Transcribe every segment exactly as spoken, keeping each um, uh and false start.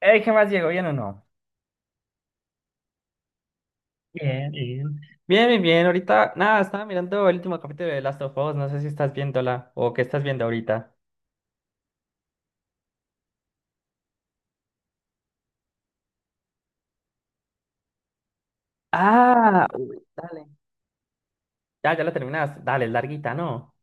Ey, ¿qué más, Diego? ¿Bien o no? Bien, bien. Bien, bien, bien. Ahorita, nada, estaba mirando el último capítulo de Last of Us. No sé si estás viéndola o qué estás viendo ahorita. Ah, uy, dale. Ya, ya la terminas. Dale, es larguita, ¿no?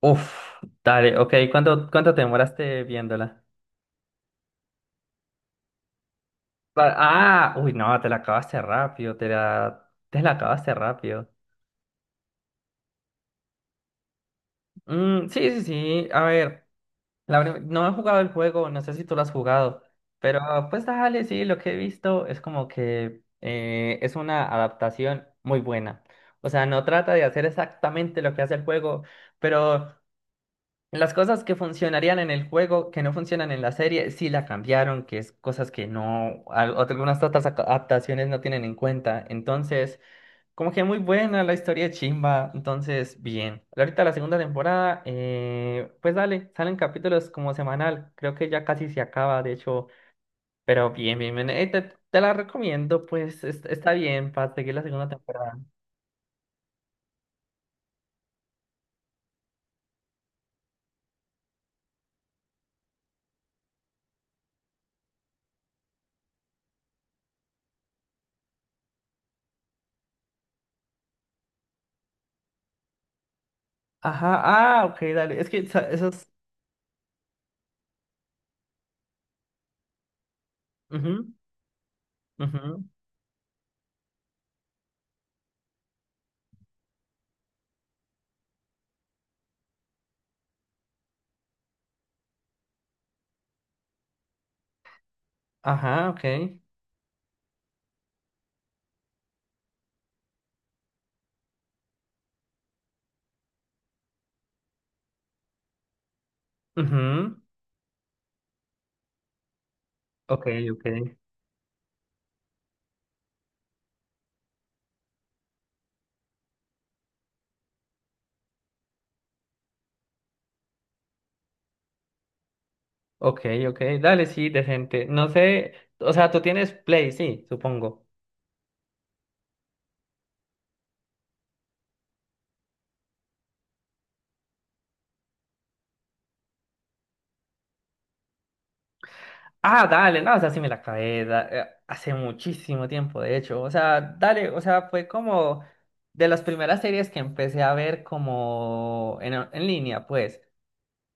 Uf, dale, ok. ¿Cuánto, cuánto te demoraste viéndola? Pa- Ah, uy, no, te la acabaste rápido. Te la, te la acabaste rápido. Mm, sí, sí, sí. A ver. La verdad, no he jugado el juego, no sé si tú lo has jugado, pero pues dale, sí, lo que he visto es como que eh, es una adaptación muy buena. O sea, no trata de hacer exactamente lo que hace el juego, pero las cosas que funcionarían en el juego, que no funcionan en la serie, sí la cambiaron, que es cosas que no, al- algunas otras aca- adaptaciones no tienen en cuenta. Entonces, como que muy buena la historia chimba, entonces bien. Ahorita la segunda temporada, eh, pues dale, salen capítulos como semanal, creo que ya casi se acaba, de hecho, pero bien, bien, bien. Eh, te, te la recomiendo, pues es- está bien para seguir la segunda temporada. Ajá, ah, ok, dale, es que esa- esas... Ujú, ujú. Ajá, ok. Ujú. Ok, ok, ok, ok, dale, sí, decente. No sé, o sea, tú tienes Play, sí, supongo. Ah, dale, no, o sea, sí me la acabé da- eh, hace muchísimo tiempo, de hecho. O sea, dale, o sea, fue como de las primeras series que empecé a ver como en, en línea, pues.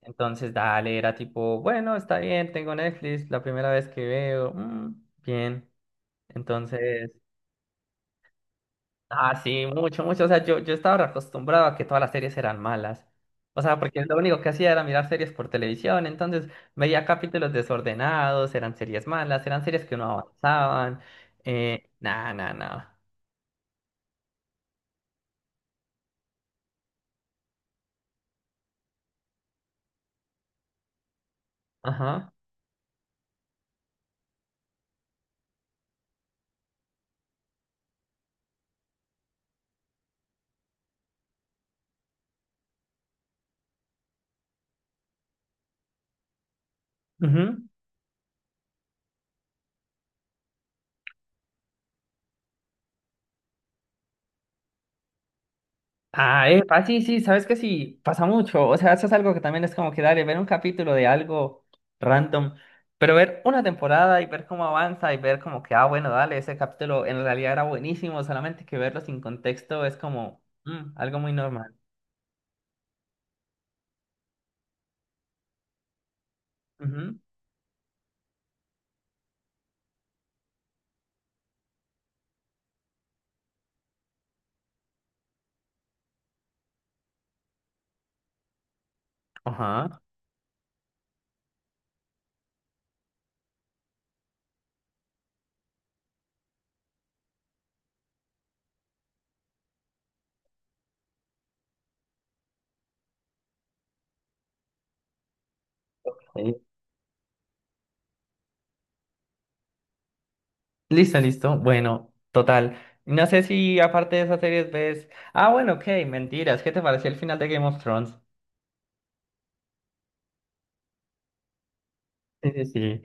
Entonces, dale, era tipo, bueno, está bien, tengo Netflix, la primera vez que veo, mm, bien. Entonces, ah, sí, mucho, mucho. O sea, yo, yo estaba acostumbrado a que todas las series eran malas. O sea, porque lo único que hacía era mirar series por televisión. Entonces veía capítulos desordenados, eran series malas, eran series que no avanzaban. Eh, nah, nah, nah. Ajá. Ujú. Ah, epa, sí, sí, sabes que sí, pasa mucho. O sea, eso es algo que también es como que dale, ver un capítulo de algo random, pero ver una temporada y ver cómo avanza y ver como que, ah, bueno, dale, ese capítulo en realidad era buenísimo, solamente que verlo sin contexto es como mm, algo muy normal. Ujú. Ajá. Ok. Listo, listo. Bueno, total. No sé si aparte de esas series ves. Ah, bueno, ok, mentiras. ¿Qué te pareció el final de Game of Thrones? Sí, sí, sí.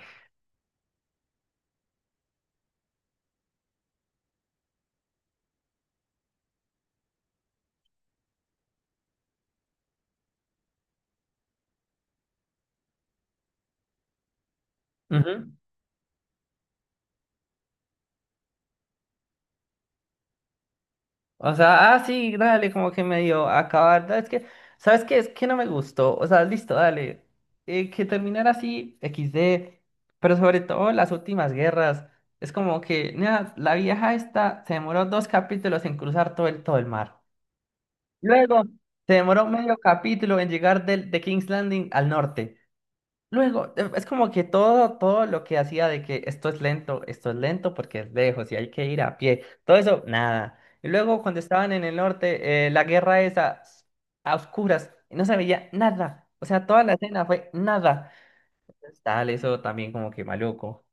Ujú. O sea, ah, sí, dale, como que medio acabar. da, Es que, ¿sabes qué? Es que no me gustó. O sea, listo, dale. Eh, que terminara así, equis de. Pero sobre todo las últimas guerras. Es como que, nada, la vieja esta se demoró dos capítulos en cruzar todo el, todo el mar. Luego, se demoró medio capítulo en llegar del, de King's Landing al norte. Luego, e- es como que todo, todo lo que hacía de que esto es lento, esto es lento porque es lejos y hay que ir a pie, todo eso, nada. Y luego cuando estaban en el norte, eh, la guerra esa, s- a oscuras, y no se veía nada. O sea, toda la escena fue nada. Entonces, tal, eso también como que maluco.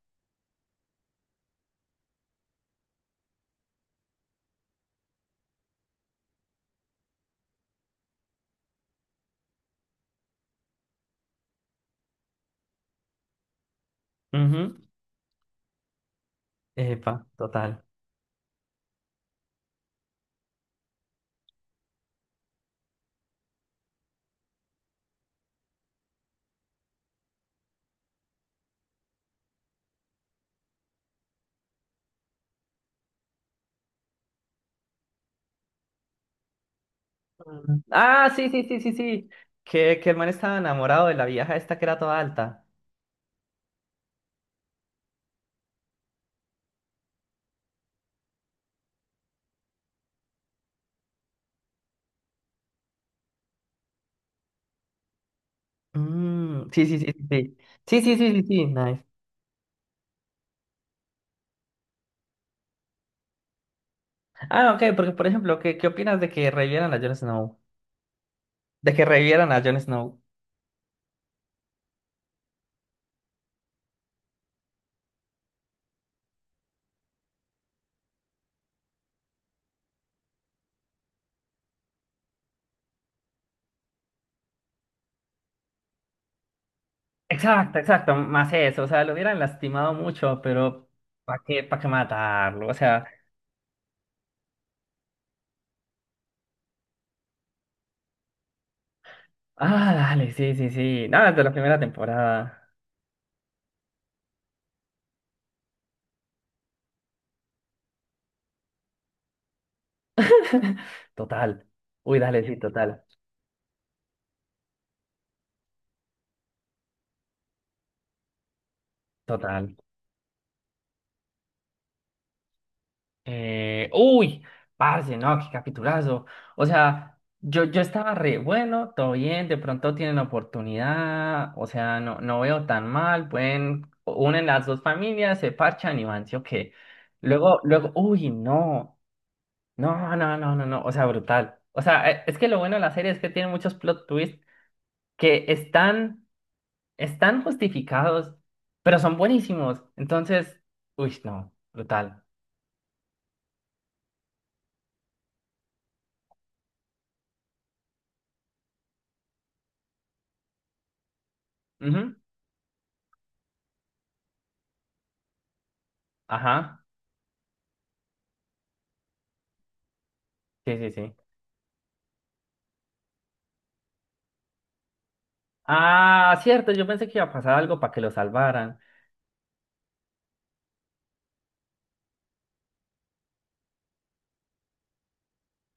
Ujú. Epa, total. Mm. Ah, sí, sí, sí, sí, sí. Que, que el man estaba enamorado de la vieja esta que era toda alta. Mm, sí, sí, sí, sí. Sí, sí, sí, sí, sí, sí, sí. Ah, ok, porque por ejemplo, ¿qué, qué opinas de que revivieran a Jon Snow? De que revivieran a Jon Snow. Exacto, exacto, más eso, o sea, lo hubieran lastimado mucho, pero ¿para qué, para qué matarlo? O sea, ah, dale, sí, sí, sí, nada, de la primera temporada, total, uy, dale, sí, total, total. Eh, uy, parce, no, qué capitulazo. O sea, yo, yo estaba re bueno, todo bien, de pronto tienen oportunidad, o sea, no, no veo tan mal, pueden, unen las dos familias, se parchan y van, sí o qué. Luego, luego, uy, no, no, no, no, no, no, o sea, brutal. O sea, eh, es que lo bueno de la serie es que tiene muchos plot twists que están, están justificados, pero son buenísimos. Entonces, uy, no, brutal. Ujú, ajá, sí, sí, sí. Ah, cierto, yo pensé que iba a pasar algo para que lo salvaran.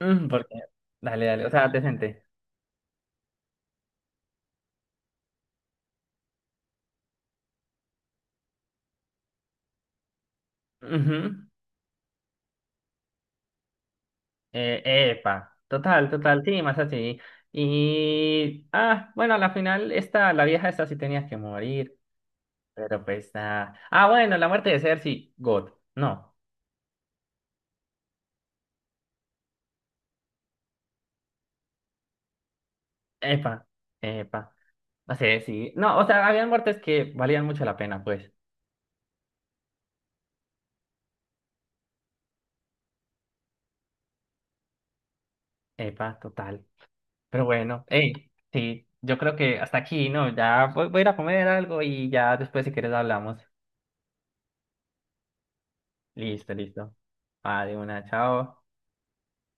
Mm, porque, dale, dale, o sea, decente. Ujú. Eh, epa, total, total, sí, más así. Y, ah, bueno, a la final, esta, la vieja esta sí tenía que morir, pero pues nada. Ah, bueno, la muerte de Cersei, God, no, epa, epa, no sé, sí, no, o sea, habían muertes que valían mucho la pena, pues, epa, total. Pero bueno, hey, sí, yo creo que hasta aquí, ¿no? Ya voy, voy a ir a comer algo y ya después si quieres hablamos. Listo, listo. Ah, de una, chao.